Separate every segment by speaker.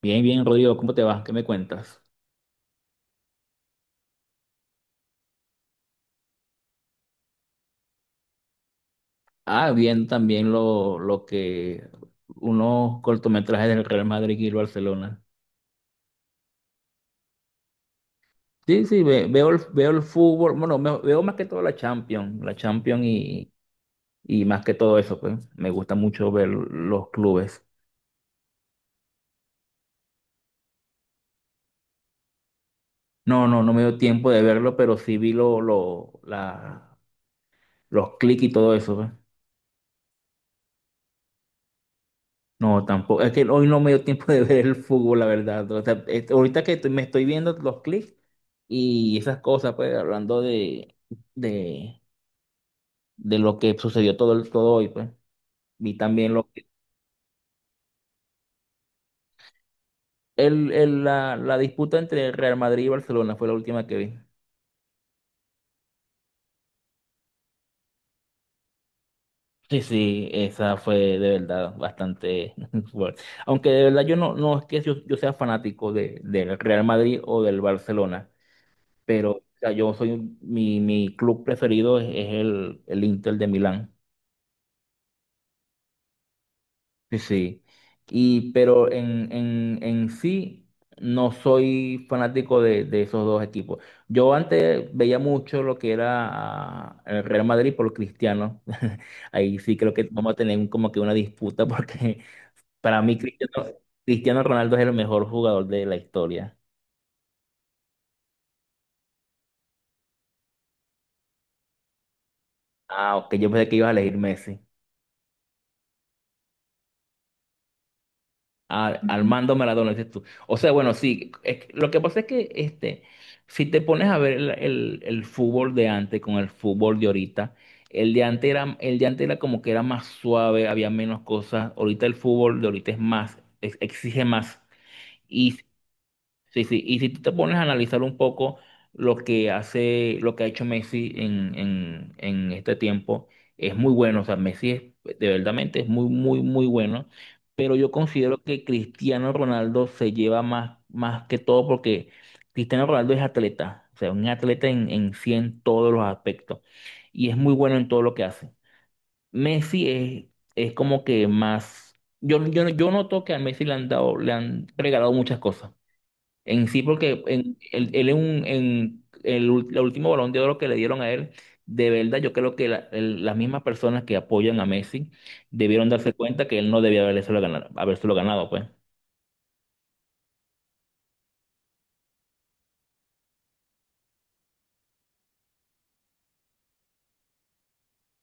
Speaker 1: Bien, bien, Rodrigo, ¿cómo te va? ¿Qué me cuentas? Ah, bien, también lo que unos cortometrajes del Real Madrid y el Barcelona. Sí, sí, veo, veo el fútbol, bueno, veo más que todo la Champions, y más que todo eso, pues me gusta mucho ver los clubes. No, no, no me dio tiempo de verlo, pero sí vi los clics y todo eso, pues. No, tampoco. Es que hoy no me dio tiempo de ver el fútbol, la verdad. O sea, este, ahorita que me estoy viendo los clips y esas cosas, pues, hablando de, de lo que sucedió todo, todo hoy, pues. Vi también lo que, la disputa entre Real Madrid y Barcelona fue la última que vi. Sí, sí, esa fue de verdad bastante fuerte. Aunque de verdad yo no, no es que yo sea fanático del Real Madrid o del Barcelona. Pero o sea, yo soy, un- mi club preferido es el Inter de Milán. Sí, sí. Y, pero en sí no soy fanático de esos dos equipos. Yo antes veía mucho lo que era el Real Madrid por Cristiano. Ahí sí creo que vamos a tener como que una disputa porque para mí, Cristiano Ronaldo es el mejor jugador de la historia. Ah, ok, yo pensé que ibas a elegir Messi. Armando Maradona, dices tú. O sea, bueno, sí, lo que pasa es que este, si te pones a ver el fútbol de antes con el fútbol de ahorita, el de antes era como que era más suave, había menos cosas. Ahorita el fútbol de ahorita es más, exige más. Sí, sí. Y si tú te pones a analizar un poco lo que hace, lo que ha hecho Messi en este tiempo, es muy bueno. O sea, Messi es, de verdaderamente es muy, muy, muy bueno. Pero yo considero que Cristiano Ronaldo se lleva más, más que todo porque Cristiano Ronaldo es atleta. O sea, un atleta en sí en todos los aspectos. Y es muy bueno en todo lo que hace. Messi es como que más. Yo noto que a Messi le han dado, le han regalado muchas cosas. En sí, porque en, él en, un- en el último Balón de Oro que le dieron a él, de verdad, yo creo que las mismas personas que apoyan a Messi debieron darse cuenta que él no debía habérselo ganado, pues.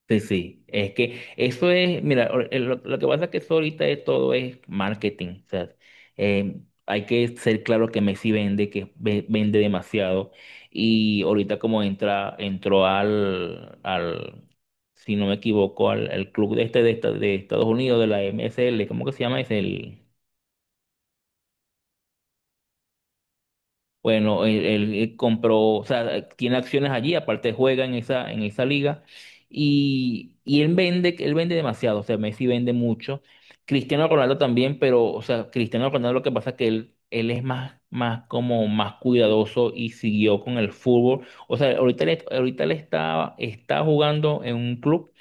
Speaker 1: Sí, sí, es que eso es, mira, lo que pasa es que eso ahorita es todo es marketing, o sea, hay que ser claro que Messi vende, vende demasiado, y ahorita como entra, entró al, si no me equivoco, al club de este de Estados Unidos, de la MSL, ¿cómo que se llama? Es el... Bueno, él compró, o sea, tiene acciones allí, aparte juega en esa liga y él vende demasiado, o sea, Messi vende mucho, Cristiano Ronaldo también, pero, o sea, Cristiano Ronaldo lo que pasa es que él es más, más como más cuidadoso y siguió con el fútbol, o sea, ahorita él está, está jugando en un club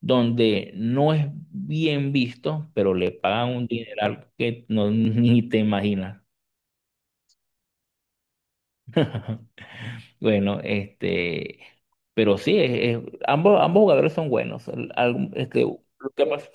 Speaker 1: donde no es bien visto, pero le pagan un dineral que no, ni te imaginas. Bueno, este, pero sí, ambos jugadores son buenos.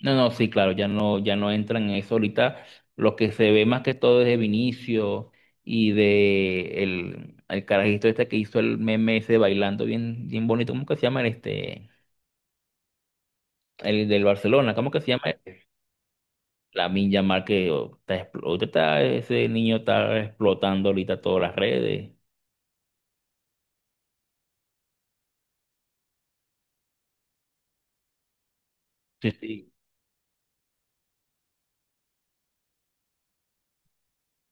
Speaker 1: No, no, sí, claro, ya no, ya no entran en eso. Ahorita lo que se ve más que todo es de Vinicio y de el carajito este que hizo el meme ese bailando bien, bien bonito. ¿Cómo que se llama el este? El del Barcelona, ¿cómo que se llama? La Yamal que oh, está, expl- ahorita está- ese niño está explotando ahorita todas las redes. Sí, sí.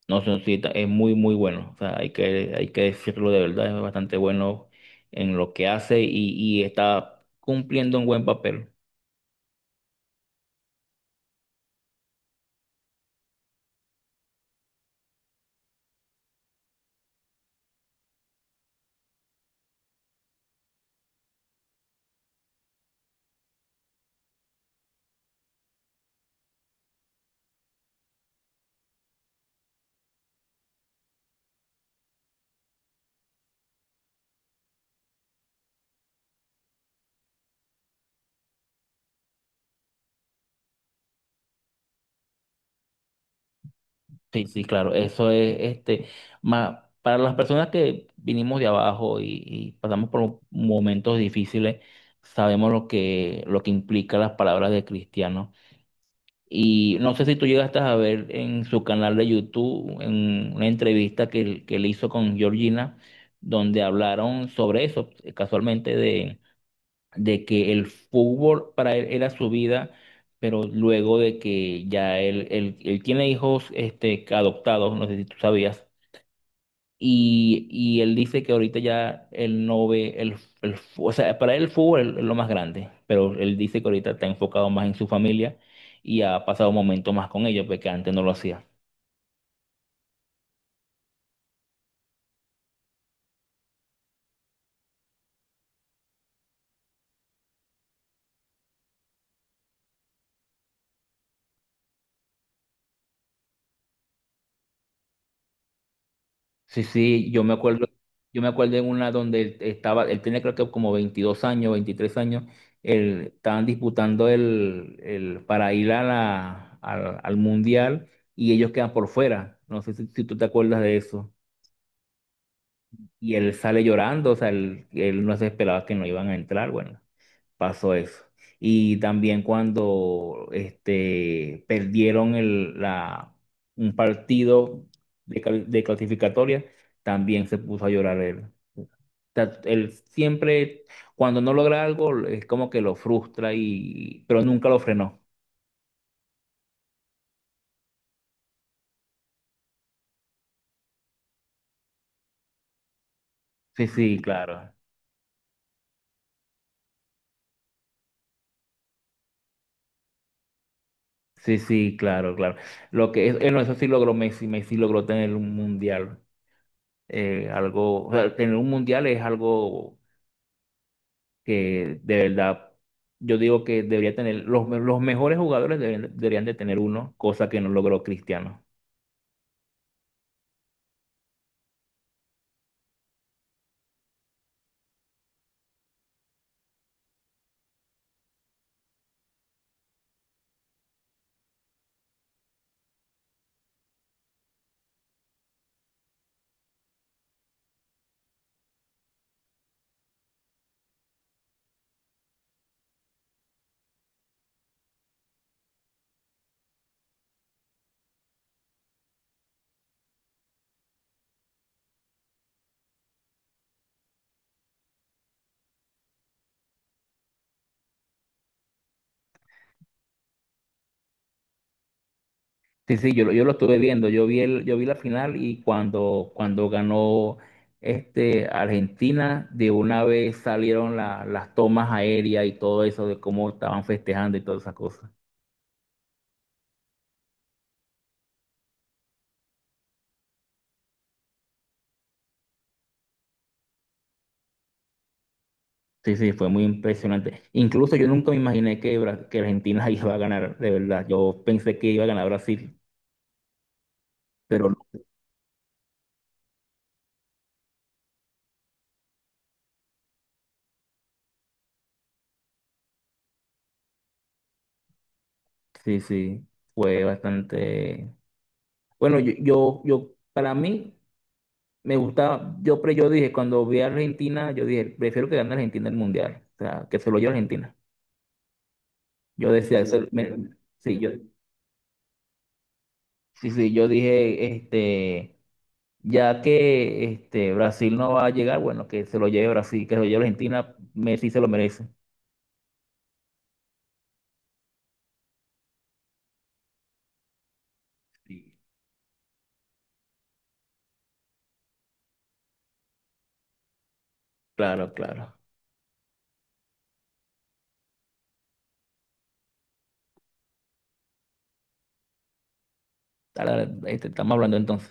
Speaker 1: No, son, sí, es muy, muy bueno. O sea, hay que decirlo de verdad, es bastante bueno en lo que hace y está cumpliendo un buen papel. Sí, sí, claro, eso es este. Más, para las personas que vinimos de abajo y pasamos por momentos difíciles, sabemos lo que implica las palabras de cristiano. Y no sé si tú llegaste a ver en su canal de YouTube en una entrevista que, que él hizo con Georgina, donde hablaron sobre eso, casualmente, de que el fútbol para él era su vida, pero luego de que ya él tiene hijos este, adoptados, no sé si tú sabías. Y él dice que ahorita ya él no ve o sea, para él el fútbol es lo más grande, pero él dice que ahorita está enfocado más en su familia y ha pasado momentos más con ellos, porque antes no lo hacía. Sí, sí, yo me acuerdo en una donde él estaba, él tenía creo que como 22 años, 23 años, él, estaban disputando el para ir a al mundial y ellos quedan por fuera. No sé si, si tú te acuerdas de eso. Y él sale llorando, o sea, él no se esperaba que no iban a entrar, bueno, pasó eso. Y también cuando este, perdieron un partido de, de clasificatoria, también se puso a llorar él. O sea, él siempre, cuando no logra algo, es como que lo frustra y, pero nunca lo frenó. Sí, sí, claro. Sí, sí, claro, claro. Lo que es, no, eso sí logró Messi, Messi logró tener un mundial. Eh, algo, o sea, tener un mundial es algo que de verdad yo digo que debería tener, los mejores jugadores deberían, deberían de tener uno, cosa que no logró Cristiano. Sí, sí, yo, yo lo estuve viendo, yo vi el, yo vi la final y cuando, cuando ganó este Argentina, de una vez salieron las tomas aéreas y todo eso de cómo estaban festejando y todas esas cosas. Sí, sí, fue muy impresionante. Incluso yo nunca me imaginé que, que Argentina iba a ganar, de verdad. Yo pensé que iba a ganar Brasil. Pero no, sí, sí, fue bastante. Bueno, yo, para mí, me gustaba, yo, yo dije, cuando vi a Argentina, yo dije, prefiero que gane Argentina el Mundial, o sea, que se lo lleve Argentina. Yo decía, sí, eso, sí, yo, sí, yo dije, este, ya que este, Brasil no va a llegar, bueno, que se lo lleve Brasil, que se lo lleve Argentina, Messi se lo merece. Sí, claro, claro. Ahora, este, estamos hablando entonces.